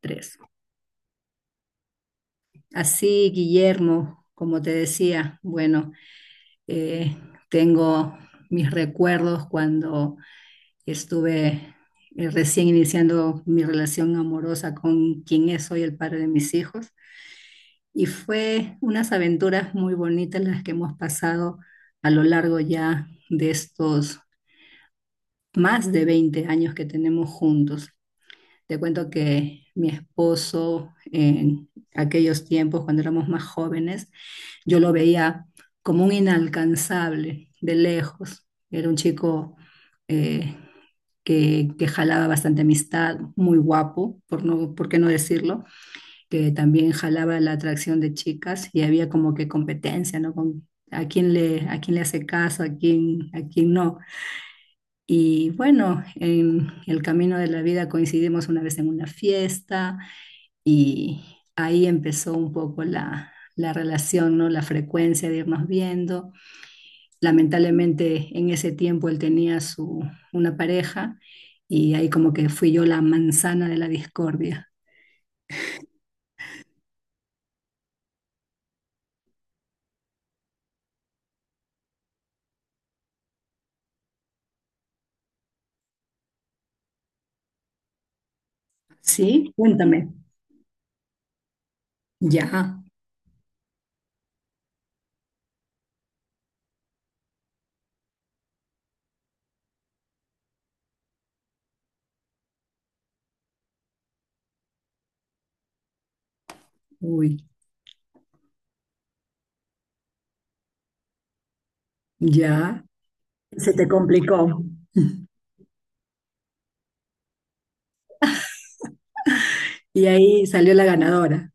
Tres. Así, Guillermo, como te decía, bueno, eh, tengo mis recuerdos cuando estuve recién iniciando mi relación amorosa con quien es hoy el padre de mis hijos. Y fue unas aventuras muy bonitas las que hemos pasado a lo largo ya de estos más de 20 años que tenemos juntos. Te cuento que mi esposo en aquellos tiempos, cuando éramos más jóvenes, yo lo veía como un inalcanzable de lejos. Era un chico eh, que jalaba bastante amistad, muy guapo, por qué no decirlo, que también jalaba la atracción de chicas y había como que competencia, ¿no? Con, a quién le hace caso, a quién no. Y bueno, en el camino de la vida coincidimos una vez en una fiesta y ahí empezó un poco la relación, ¿no? La frecuencia de irnos viendo. Lamentablemente en ese tiempo él tenía una pareja y ahí como que fui yo la manzana de la discordia. ¿Sí? Cuéntame. Ya, uy, ya. Se te complicó. Y ahí salió la ganadora,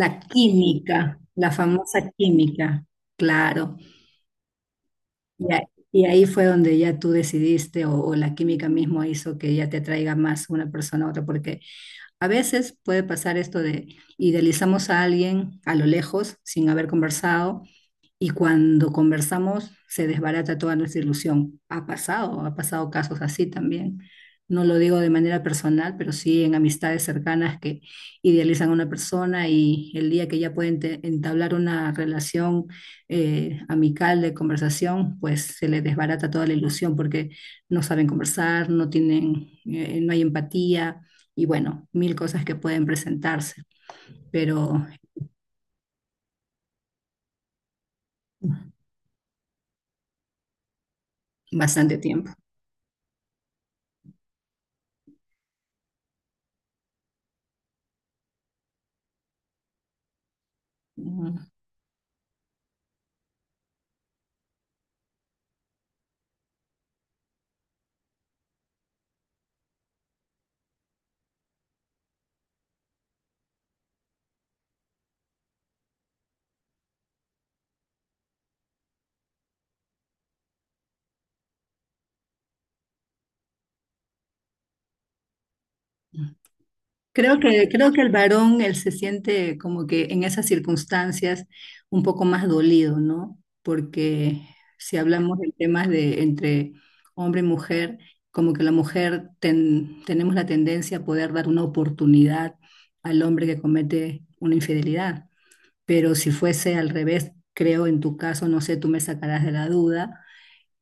la química, la famosa química. Claro. Y a- y ahí fue donde ya tú decidiste o la química mismo hizo que ya te atraiga más una persona a otra, porque a veces puede pasar esto de idealizamos a alguien a lo lejos sin haber conversado y cuando conversamos se desbarata toda nuestra ilusión. Ha pasado casos así también. No lo digo de manera personal, pero sí en amistades cercanas que idealizan a una persona y el día que ya pueden entablar una relación amical de conversación, pues se les desbarata toda la ilusión porque no saben conversar, no tienen, no hay empatía y bueno, mil cosas que pueden presentarse, pero bastante tiempo. Creo que el varón, él se siente como que en esas circunstancias un poco más dolido, ¿no? Porque si hablamos de temas de entre hombre y mujer, como que la mujer tenemos la tendencia a poder dar una oportunidad al hombre que comete una infidelidad. Pero si fuese al revés, creo en tu caso, no sé, tú me sacarás de la duda,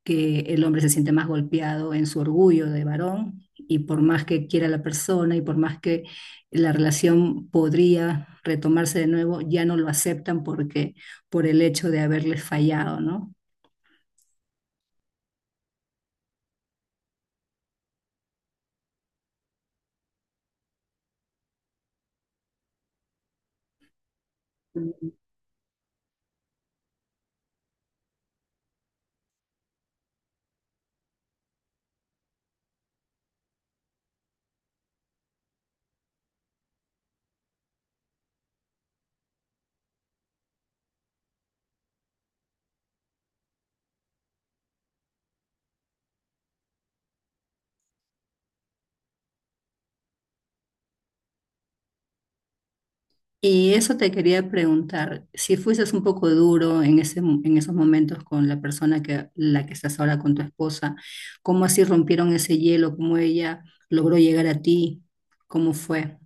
que el hombre se siente más golpeado en su orgullo de varón y por más que quiera la persona y por más que la relación podría retomarse de nuevo, ya no lo aceptan porque por el hecho de haberles fallado, ¿no? Y eso te quería preguntar, si fueses un poco duro en ese, en esos momentos con la persona que la que estás ahora con tu esposa, ¿cómo así rompieron ese hielo? ¿Cómo ella logró llegar a ti? ¿Cómo fue?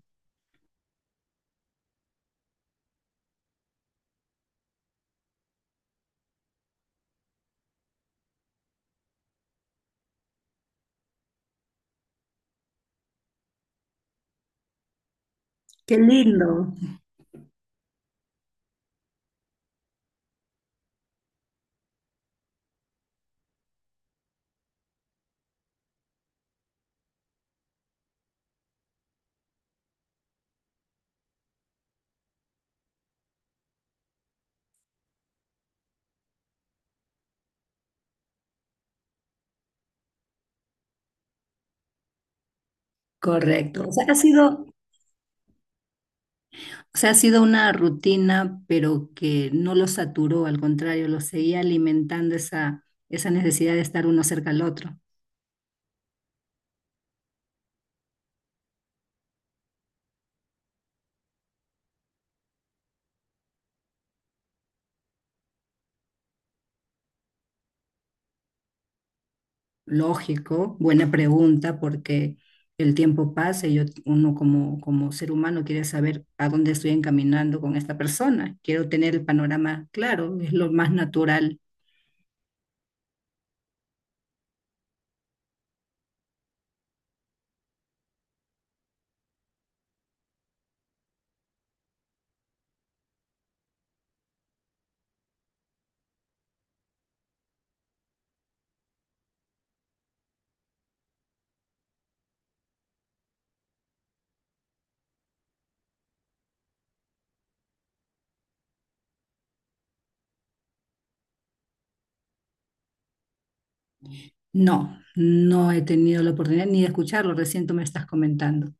Qué lindo. Correcto. O sea, ha sido. O sea, ha sido una rutina, pero que no lo saturó, al contrario, lo seguía alimentando esa, esa necesidad de estar uno cerca al otro. Lógico, buena pregunta, porque el tiempo pasa y yo, uno como, como ser humano quiere saber a dónde estoy encaminando con esta persona. Quiero tener el panorama claro, es lo más natural. No, no he tenido la oportunidad ni de escucharlo, recién tú me estás comentando.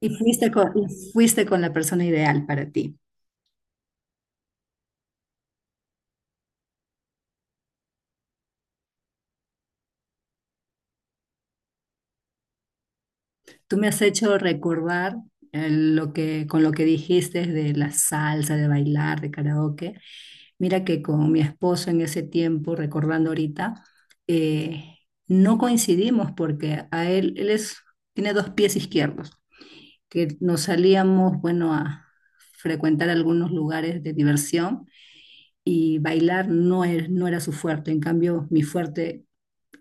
Y fuiste con la persona ideal para ti. Tú me has hecho recordar con lo que dijiste de la salsa, de bailar, de karaoke. Mira que con mi esposo en ese tiempo, recordando ahorita, eh, no coincidimos porque a él, él es, tiene dos pies izquierdos, que nos salíamos, bueno, a frecuentar algunos lugares de diversión y bailar no era su fuerte. En cambio, mi fuerte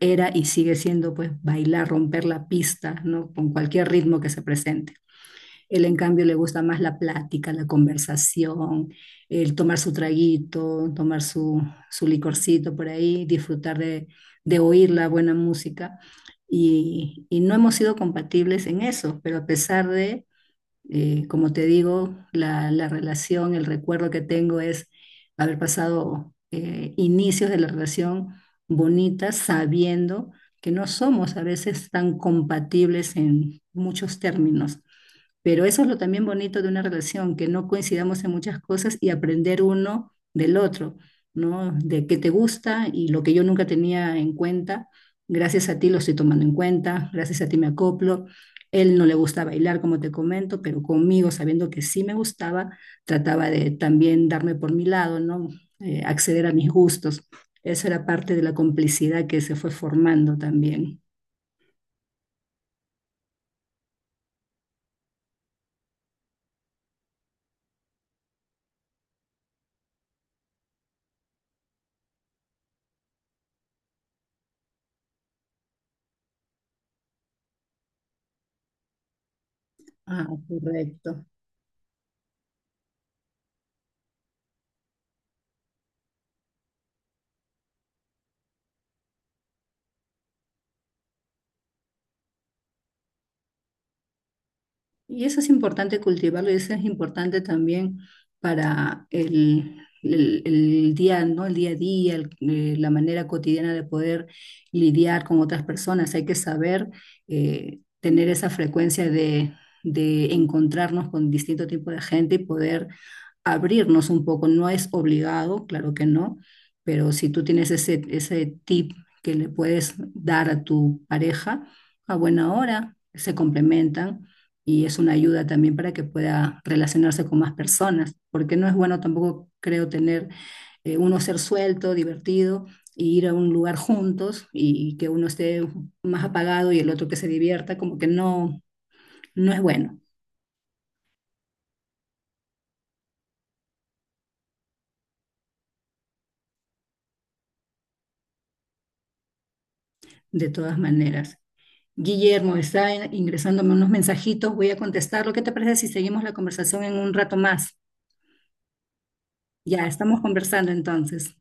era y sigue siendo pues bailar, romper la pista, ¿no? Con cualquier ritmo que se presente. Él, en cambio, le gusta más la plática, la conversación, el tomar su traguito, tomar su, su licorcito por ahí, disfrutar de oír la buena música. Y no hemos sido compatibles en eso, pero a pesar de, como te digo, la relación, el recuerdo que tengo es haber pasado inicios de la relación bonita sabiendo que no somos a veces tan compatibles en muchos términos pero eso es lo también bonito de una relación, que no coincidamos en muchas cosas y aprender uno del otro, ¿no? De qué te gusta y lo que yo nunca tenía en cuenta, gracias a ti lo estoy tomando en cuenta, gracias a ti me acoplo. Él no le gusta bailar, como te comento, pero conmigo, sabiendo que sí me gustaba, trataba de también darme por mi lado, ¿no? Acceder a mis gustos. Eso era parte de la complicidad que se fue formando también. Ah, correcto. Y eso es importante cultivarlo y eso es importante también para el día, ¿no? El día a día, la manera cotidiana de poder lidiar con otras personas. Hay que saber tener esa frecuencia de, encontrarnos con distinto tipo de gente y poder abrirnos un poco. No es obligado, claro que no, pero si tú tienes ese tip que le puedes dar a tu pareja, a buena hora, se complementan y es una ayuda también para que pueda relacionarse con más personas, porque no es bueno tampoco, creo, tener uno ser suelto, divertido, y ir a un lugar juntos y que uno esté más apagado y el otro que se divierta, como que no, no es bueno, de todas maneras. Guillermo, está ingresándome unos mensajitos, voy a contestar. ¿Lo que te parece si seguimos la conversación en un rato más? Ya, estamos conversando entonces.